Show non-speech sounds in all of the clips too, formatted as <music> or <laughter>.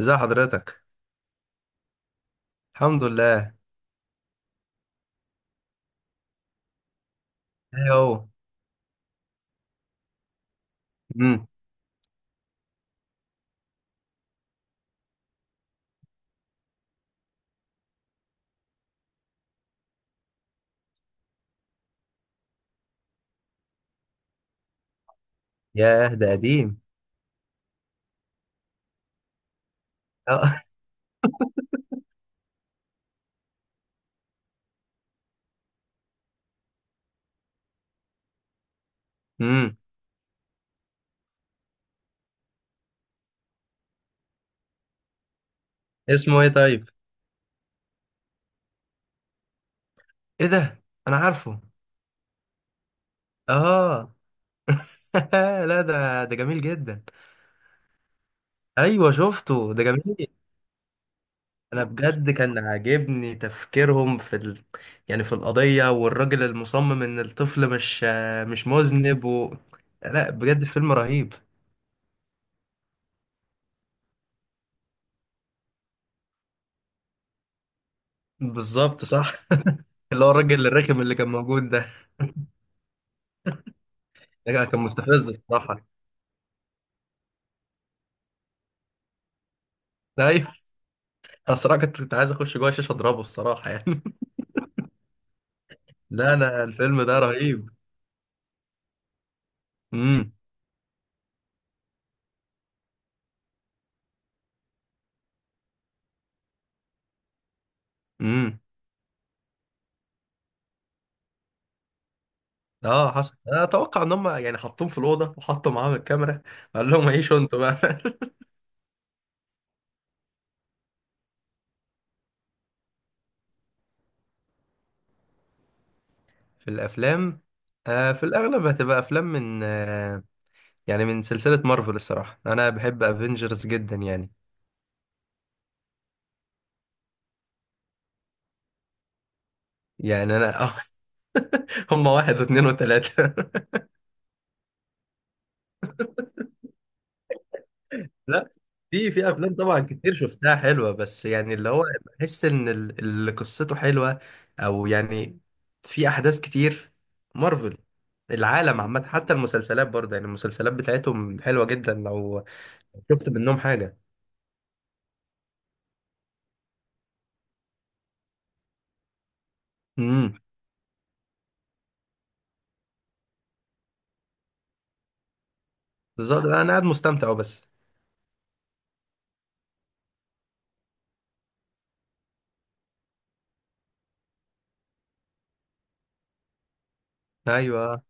ازي حضرتك؟ الحمد لله. ايه هو؟ امم. ياه، ده قديم. اه. <laughs> امم. اسمه ايه طيب؟ ايه ده؟ انا عارفه. اه. <laughs> لا، ده جميل جدا. ايوه شفته، ده جميل. انا بجد كان عاجبني تفكيرهم في ال... يعني في القضيه، والراجل المصمم ان الطفل مش مذنب، و... لا بجد فيلم رهيب. بالظبط صح. <laughs> اللي هو الراجل الرخم اللي كان موجود ده. ده كان مستفز الصراحه. أيوه. أنا الصراحة كنت عايز أخش جوه الشاشة أضربه، الصراحة يعني. <laughs> لا، أنا الفيلم ده رهيب. امم. امم. اه حصل، انا اتوقع ان هم يعني حطوهم في الاوضه وحطوا معاهم الكاميرا، قال لهم عيشوا انتوا بقى. <laughs> في الافلام. في الاغلب هتبقى افلام من يعني من سلسله مارفل الصراحه، انا بحب افنجرز جدا يعني. يعني انا، <laughs> هم واحد واثنين وثلاثه. <laughs> لا، في افلام طبعا كتير شفتها حلوه، بس يعني اللي هو بحس ان اللي قصته حلوه، او يعني في احداث كتير. مارفل. العالم عامه، حتى المسلسلات برضه يعني المسلسلات بتاعتهم حلوه جدا لو شفت منهم حاجه. امم. بالظبط، لا، انا قاعد مستمتع بس. ايوه.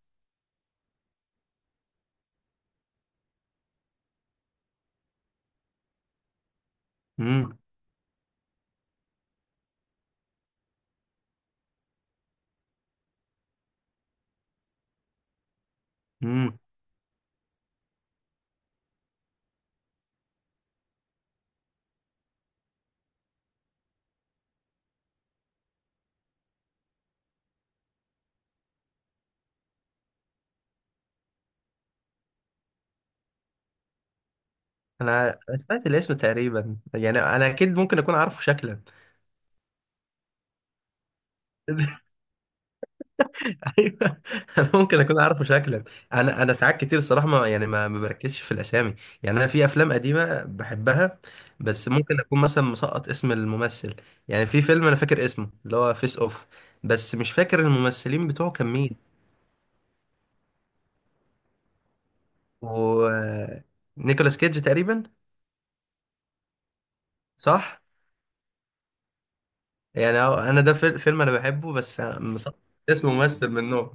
امم. امم. انا سمعت الاسم تقريبا، يعني انا اكيد ممكن اكون عارفه شكلا. <laughs> ايوه، <laughs> انا ممكن اكون عارفه شكلا. انا ساعات كتير الصراحه ما يعني ما بركزش في الاسامي. يعني انا في افلام قديمه بحبها، بس ممكن اكون مثلا مسقط اسم الممثل. يعني في فيلم انا فاكر اسمه اللي هو فيس اوف، بس مش فاكر الممثلين بتوعه كان مين. و نيكولاس كيدج تقريبا. صح. يعني انا ده فيلم انا بحبه، بس مسقط اسم ممثل من نوع.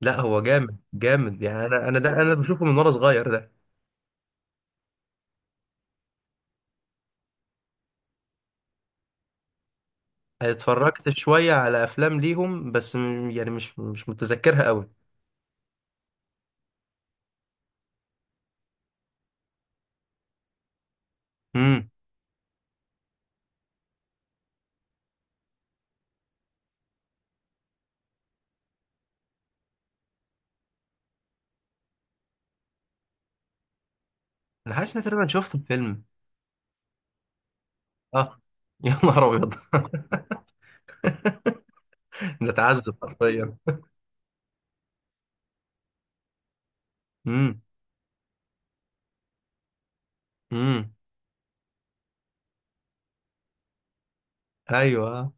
لا، هو جامد جامد، يعني انا ده انا بشوفه من وانا صغير. اتفرجت شوية على أفلام ليهم، بس يعني مش متذكرها قوي. امم. أنا حاسس إن أنا تقريبا شفت الفيلم. أه. <laughs> يا نهار أبيض. <laughs> نتعذب حرفيا. امم. امم. أيوه.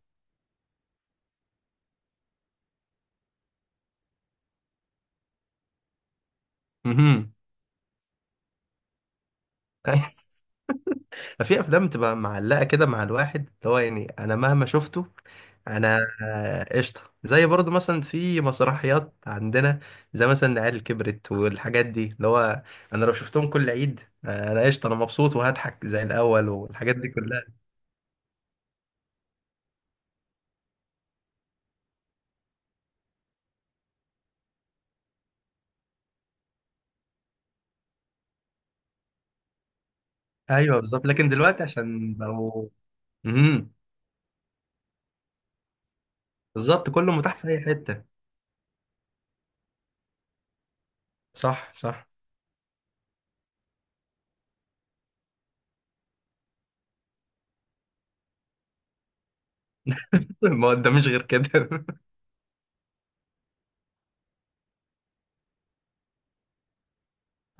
امم. <laughs> ففي افلام بتبقى معلقه كده مع الواحد، اللي هو يعني انا مهما شفته، انا قشطه، زي برضو مثلا في مسرحيات عندنا، زي مثلا العيال كبرت والحاجات دي، اللي هو انا لو شفتهم كل عيد انا قشطه، انا مبسوط وهضحك زي الاول والحاجات دي كلها. ايوه بالظبط، لكن دلوقتي عشان بقوا. امم. بالظبط، كله متاح في اي حته. صح صح. <laughs> ما قداميش غير كده. <laughs>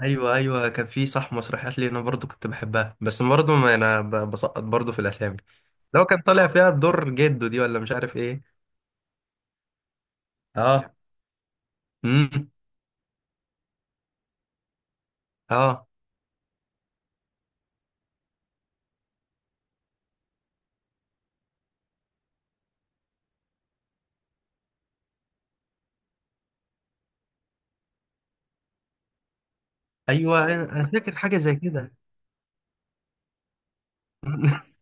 ايوه ايوه، كان في صح مسرحيات لي انا برضو كنت بحبها، بس برضو ما انا بسقط برضو في الاسامي. لو كان طالع فيها بدور جده دي ولا مش عارف ايه. اه. امم. اه. ايوه، انا فاكر حاجه زي كده. <laughs>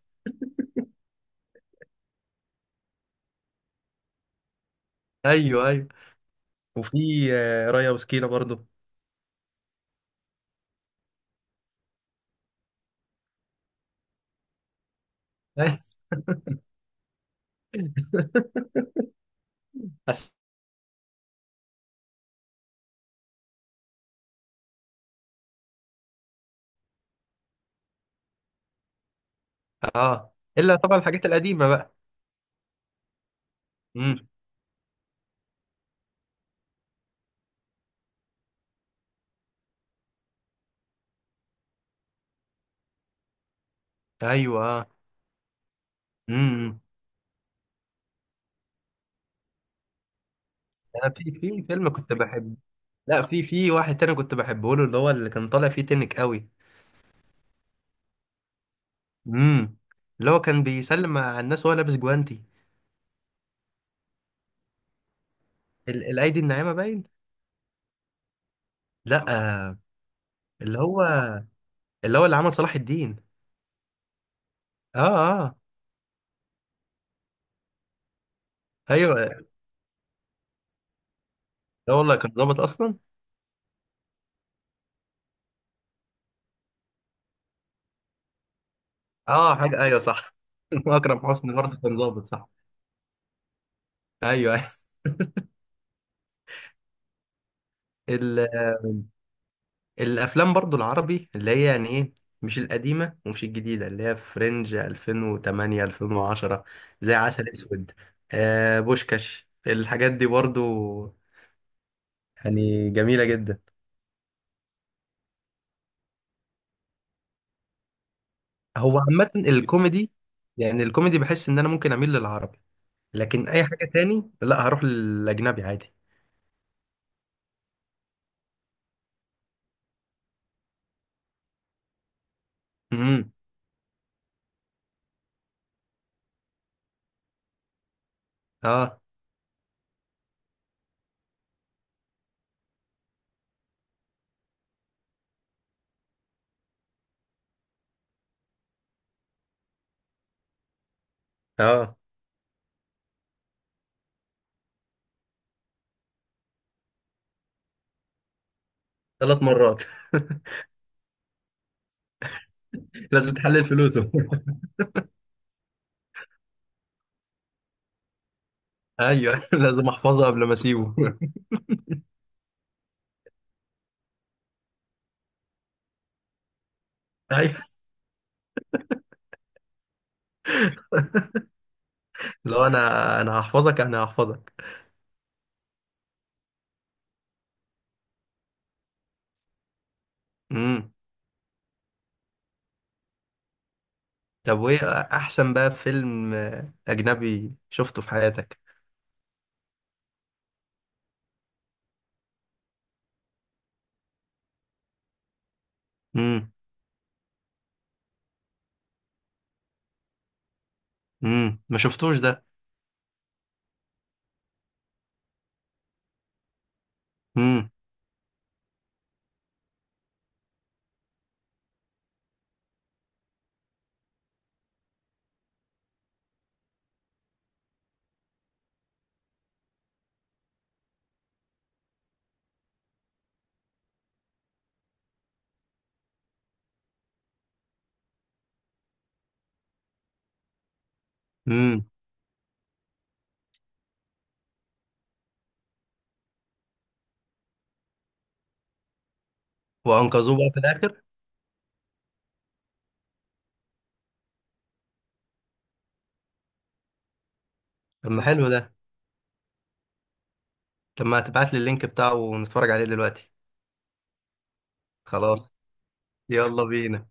ايوه ايوه. وفي رايا وسكينه برضو. بس. بس. اه، الا طبعا الحاجات القديمه بقى. امم. ايوه. اه. امم. انا في فيلم كنت بحب. لا في واحد تاني كنت بحبه، له اللي هو اللي كان طالع فيه تنك قوي. امم. اللي هو كان بيسلم على الناس وهو لابس جوانتي. الايدي الناعمه باين. لا. آه، اللي هو، اللي هو اللي عمل صلاح الدين. اه. اه. ايوه. لا والله كان ظابط اصلا. اه حاجه، ايوه صح. <laughs> واكرم حسني برضه كان ظابط، صح. ايوه أيوة. <laughs> ال... الافلام برضه العربي اللي هي يعني ايه، مش القديمه ومش الجديده، اللي هي فرنج 2008 2010، زي عسل اسود، بوشكاش الحاجات دي برضه، يعني جميله جدا. هو عامه الكوميدي، يعني الكوميدي بحس ان انا ممكن اميل للعربي، لكن اي حاجه تاني لا هروح للاجنبي عادي. امم. اه. اه. ثلاث مرات. <laughs> لازم تحلل فلوسه. <laughs> ايوه، <laughs> لازم احفظه قبل ما اسيبه. <laughs> ايوه. لو انا، انا هحفظك انا هحفظك. امم. طب وايه احسن بقى فيلم اجنبي شفته في حياتك؟ امم. امم، ما شفتوش ده. امم. امم. وانقذوه بقى في الاخر. طب ما حلو ده. طب ما هتبعت لي اللينك بتاعه ونتفرج عليه دلوقتي. خلاص. يلا بينا.